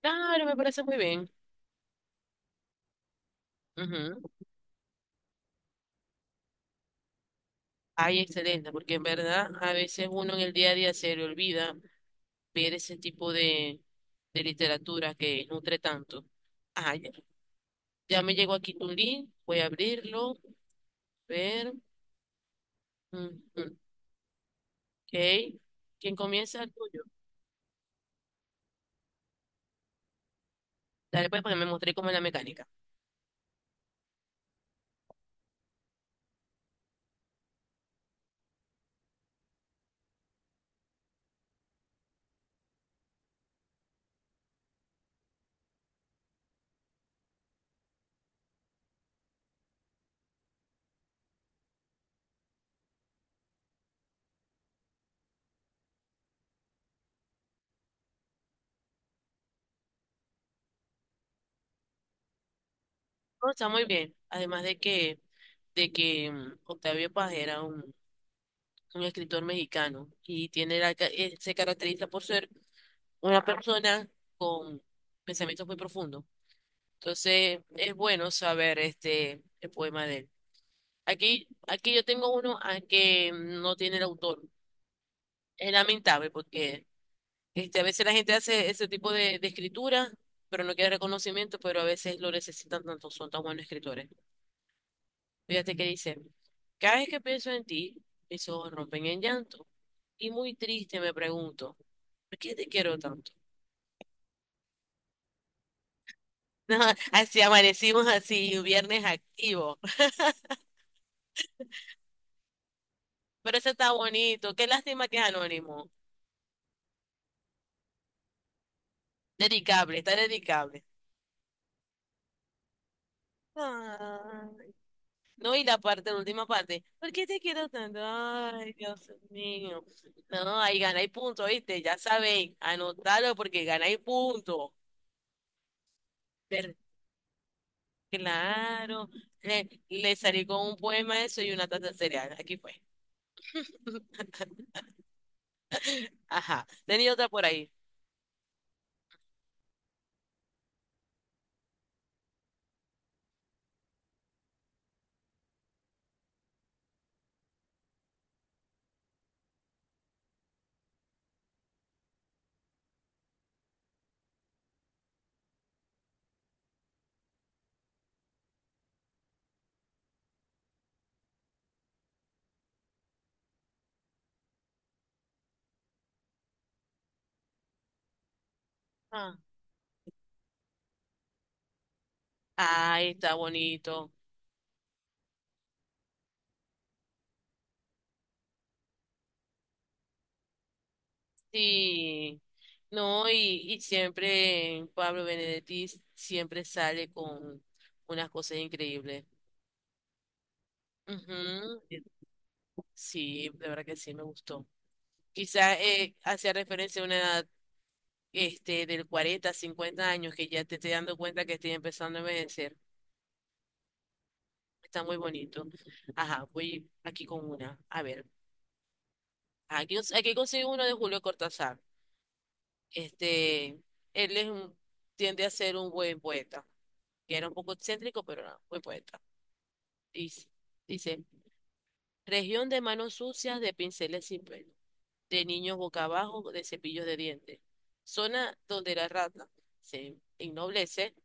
Claro, me parece muy bien. Ujú. Ay, excelente, porque en verdad a veces uno en el día a día se le olvida ver ese tipo de literatura que nutre tanto. Ay, ya me llegó aquí tu link, voy a abrirlo, ver. Ujú. Ok. ¿Quién comienza? El tuyo. Dale, pues, porque me mostré cómo es la mecánica. No, está muy bien. Además de que Octavio Paz era un escritor mexicano y tiene la, se caracteriza por ser una persona con pensamientos muy profundos. Entonces, es bueno saber este el poema de él. Aquí, aquí yo tengo uno que no tiene el autor. Es lamentable porque a veces la gente hace ese tipo de escritura, pero no quiere reconocimiento, pero a veces lo necesitan tanto, son tan buenos escritores. Fíjate que dice, cada vez que pienso en ti, mis ojos rompen en llanto y muy triste me pregunto, ¿por qué te quiero tanto? Así amanecimos así, un viernes activo. Pero eso está bonito. Qué lástima que es anónimo. Dedicable, está dedicable. Ay. No, y la parte, la última parte. ¿Por qué te quiero tanto? Ay, Dios mío. No, ahí ganáis punto, ¿viste? Ya sabéis, anotalo porque ganáis punto. Per- claro. Le salí con un poema eso y una taza de cereal. Aquí fue. Ajá. Tenía otra por ahí. Ah. Ay, está bonito. Sí, no, y siempre Pablo Benedetti siempre sale con unas cosas increíbles. Ujú. Sí, de verdad que sí, me gustó. Quizás hacía referencia a una edad del 40, 50 años que ya te estoy dando cuenta que estoy empezando a envejecer. Está muy bonito. Ajá, voy aquí con una. A ver, aquí consigo uno de Julio Cortázar. Este, él es un- tiende a ser un buen poeta. Que era un poco excéntrico, pero era muy poeta. Dice, dice, región de manos sucias, de pinceles sin pelo, de niños boca abajo, de cepillos de dientes, zona donde la rata se ennoblece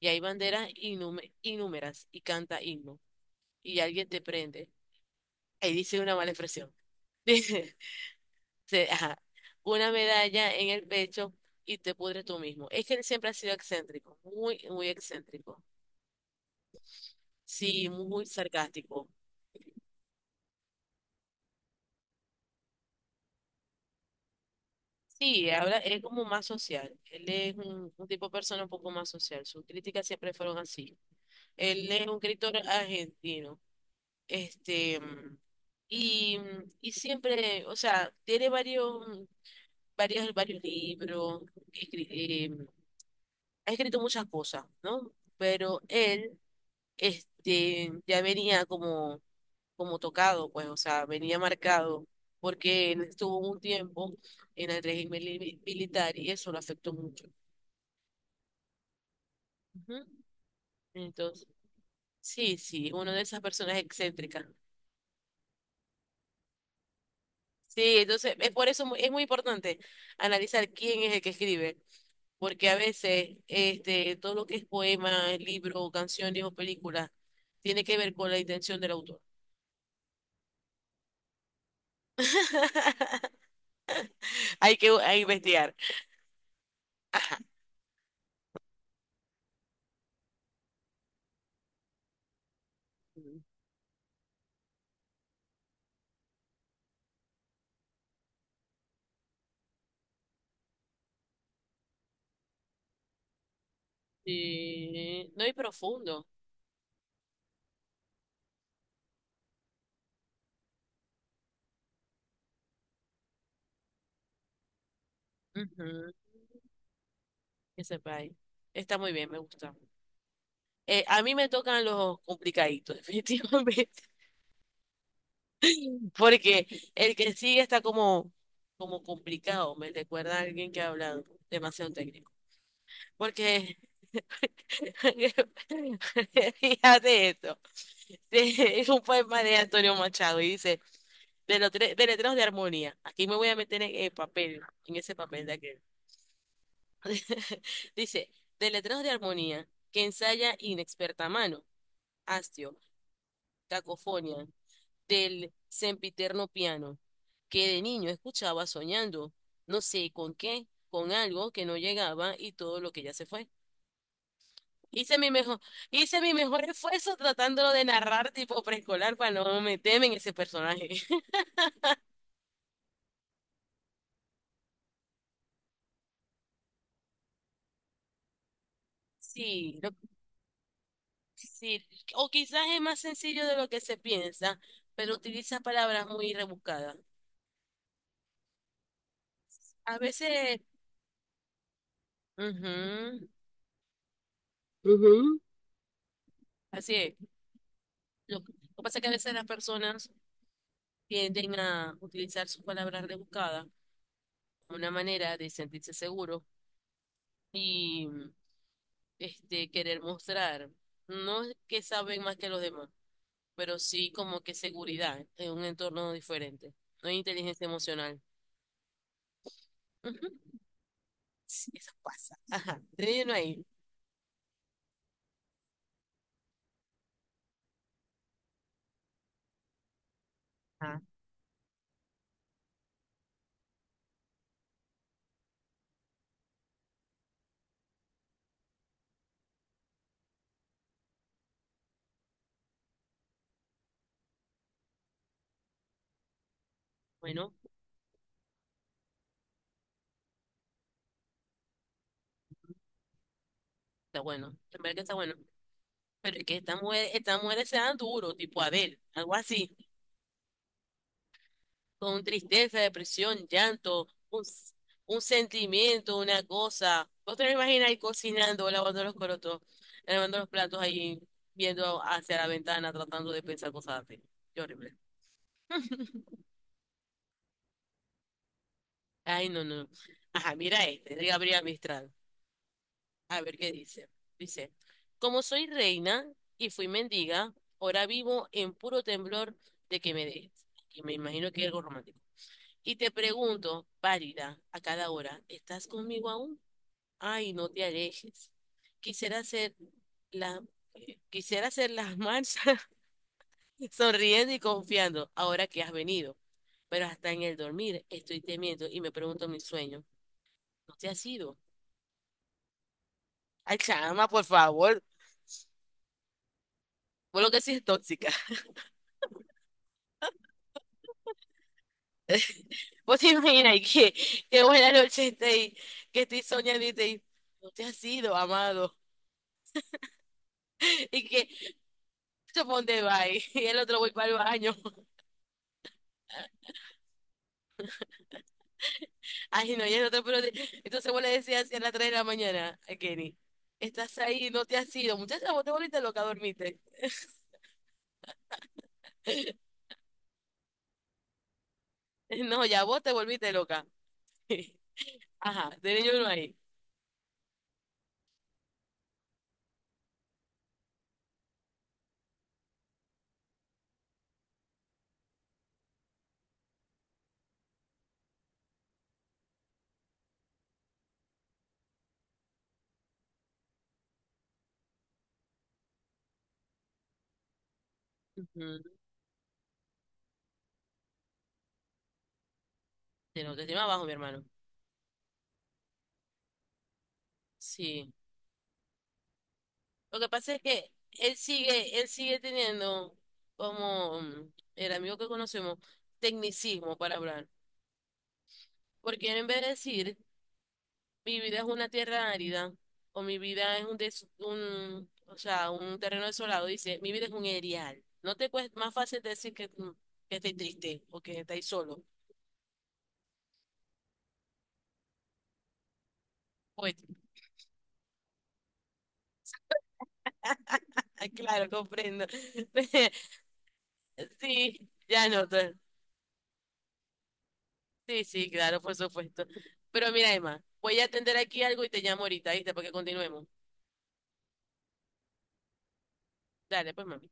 y hay banderas innúmeras y canta himno y alguien te prende. Ahí dice una mala expresión. Dice, se- ajá, una medalla en el pecho y te pudres tú mismo. Es que él siempre ha sido excéntrico, muy excéntrico. Sí, muy sarcástico. Sí, ahora es como más social. Él es un tipo de persona un poco más social. Sus críticas siempre fueron así. Él es un escritor argentino. Este, mm, y, y siempre, o sea, tiene varios libros. escri- eh, Ha escrito muchas cosas, ¿no? Pero él ya venía como, como tocado, pues, o sea, venía marcado, porque él estuvo un tiempo en el régimen militar y eso lo afectó mucho. Ujú. Entonces, sí, una de esas personas excéntricas. Sí, entonces, es por eso es muy importante analizar quién es el que escribe, porque a veces todo lo que es poema, libro, canciones o películas tiene que ver con la intención del autor. Hay que investigar. Ajá. Sí, no y profundo. Ujú. Ese país. Está muy bien, me gusta. A mí me tocan los complicaditos, definitivamente. Porque el que sigue está como, como complicado. Me recuerda a alguien que ha hablado demasiado técnico. Porque, fíjate esto. Es un poema de Antonio Machado y dice, de letreros de armonía. Aquí me voy a meter en el papel, en ese papel de aquel. Dice, de letreros de armonía que ensaya inexperta mano, hastio, cacofonía, del sempiterno piano, que de niño escuchaba soñando, no sé con qué, con algo que no llegaba y todo lo que ya se fue. Hice mi mejor, hice mi mejor esfuerzo tratándolo de narrar tipo preescolar para no meterme en ese personaje. Sí, sí, o quizás es más sencillo de lo que se piensa, pero utiliza palabras muy rebuscadas. A veces... Ujú. Ujú. Así es. Lo que pasa es que a veces las personas tienden a utilizar sus palabras rebuscadas como una manera de sentirse seguros y querer mostrar, no es que saben más que los demás, pero sí como que seguridad en un entorno diferente. No hay inteligencia emocional. Ujú. Sí, eso pasa. Ajá. Tenía ahí. Ajá. Bueno, está bueno. En verdad que está bueno. Pero es que estas mujeres se dan duro, tipo Adele, algo así. Con tristeza, depresión, llanto, un sentimiento, una cosa. ¿Vos te lo imaginas ahí cocinando, lavando los corotos, lavando los platos ahí, viendo hacia la ventana, tratando de pensar cosas así? Qué horrible. Ay, no, no. Ajá, mira este, de Gabriela Mistral. A ver qué dice. Dice, como soy reina y fui mendiga, ahora vivo en puro temblor de que me dejes. Que me imagino que es algo romántico. Y te pregunto, pálida, a cada hora, ¿estás conmigo aún? Ay, no te alejes. Quisiera hacer la, quisiera hacer las marchas sonriendo y confiando ahora que has venido. Pero hasta en el dormir estoy temiendo y me pregunto mi sueño. ¿No te has ido? Ay, chama, por favor. Por lo que sí es tóxica. Vos te imaginas y que buena noche estoy, que estoy soñando y te no te has ido, amado. Y que, yo ponte bye. Y el otro voy para el baño. Ay, no, ya no te puedo. Entonces vos le decías así a las 3 de la mañana a Kenny, estás ahí, no te has ido. Muchacha, vos te volviste loca, dormiste. No, ya vos te volviste loca. Ajá, de niño uno ahí. Ujú. De no, te encima abajo, mi hermano. Sí. Lo que pasa es que él sigue teniendo como el amigo que conocemos, tecnicismo para hablar. Porque él en vez de decir mi vida es una tierra árida, o mi vida es un, des- un, o sea, un terreno desolado, dice, mi vida es un erial. No te cuesta más fácil decir que, que estáis triste o que estáis solo. Pues, ah, claro, comprendo. Sí, ya no. te- sí, sí, claro, por supuesto. Pero mira, Emma, voy a atender aquí algo y te llamo ahorita, ¿viste? Porque continuemos. Dale, pues, mami.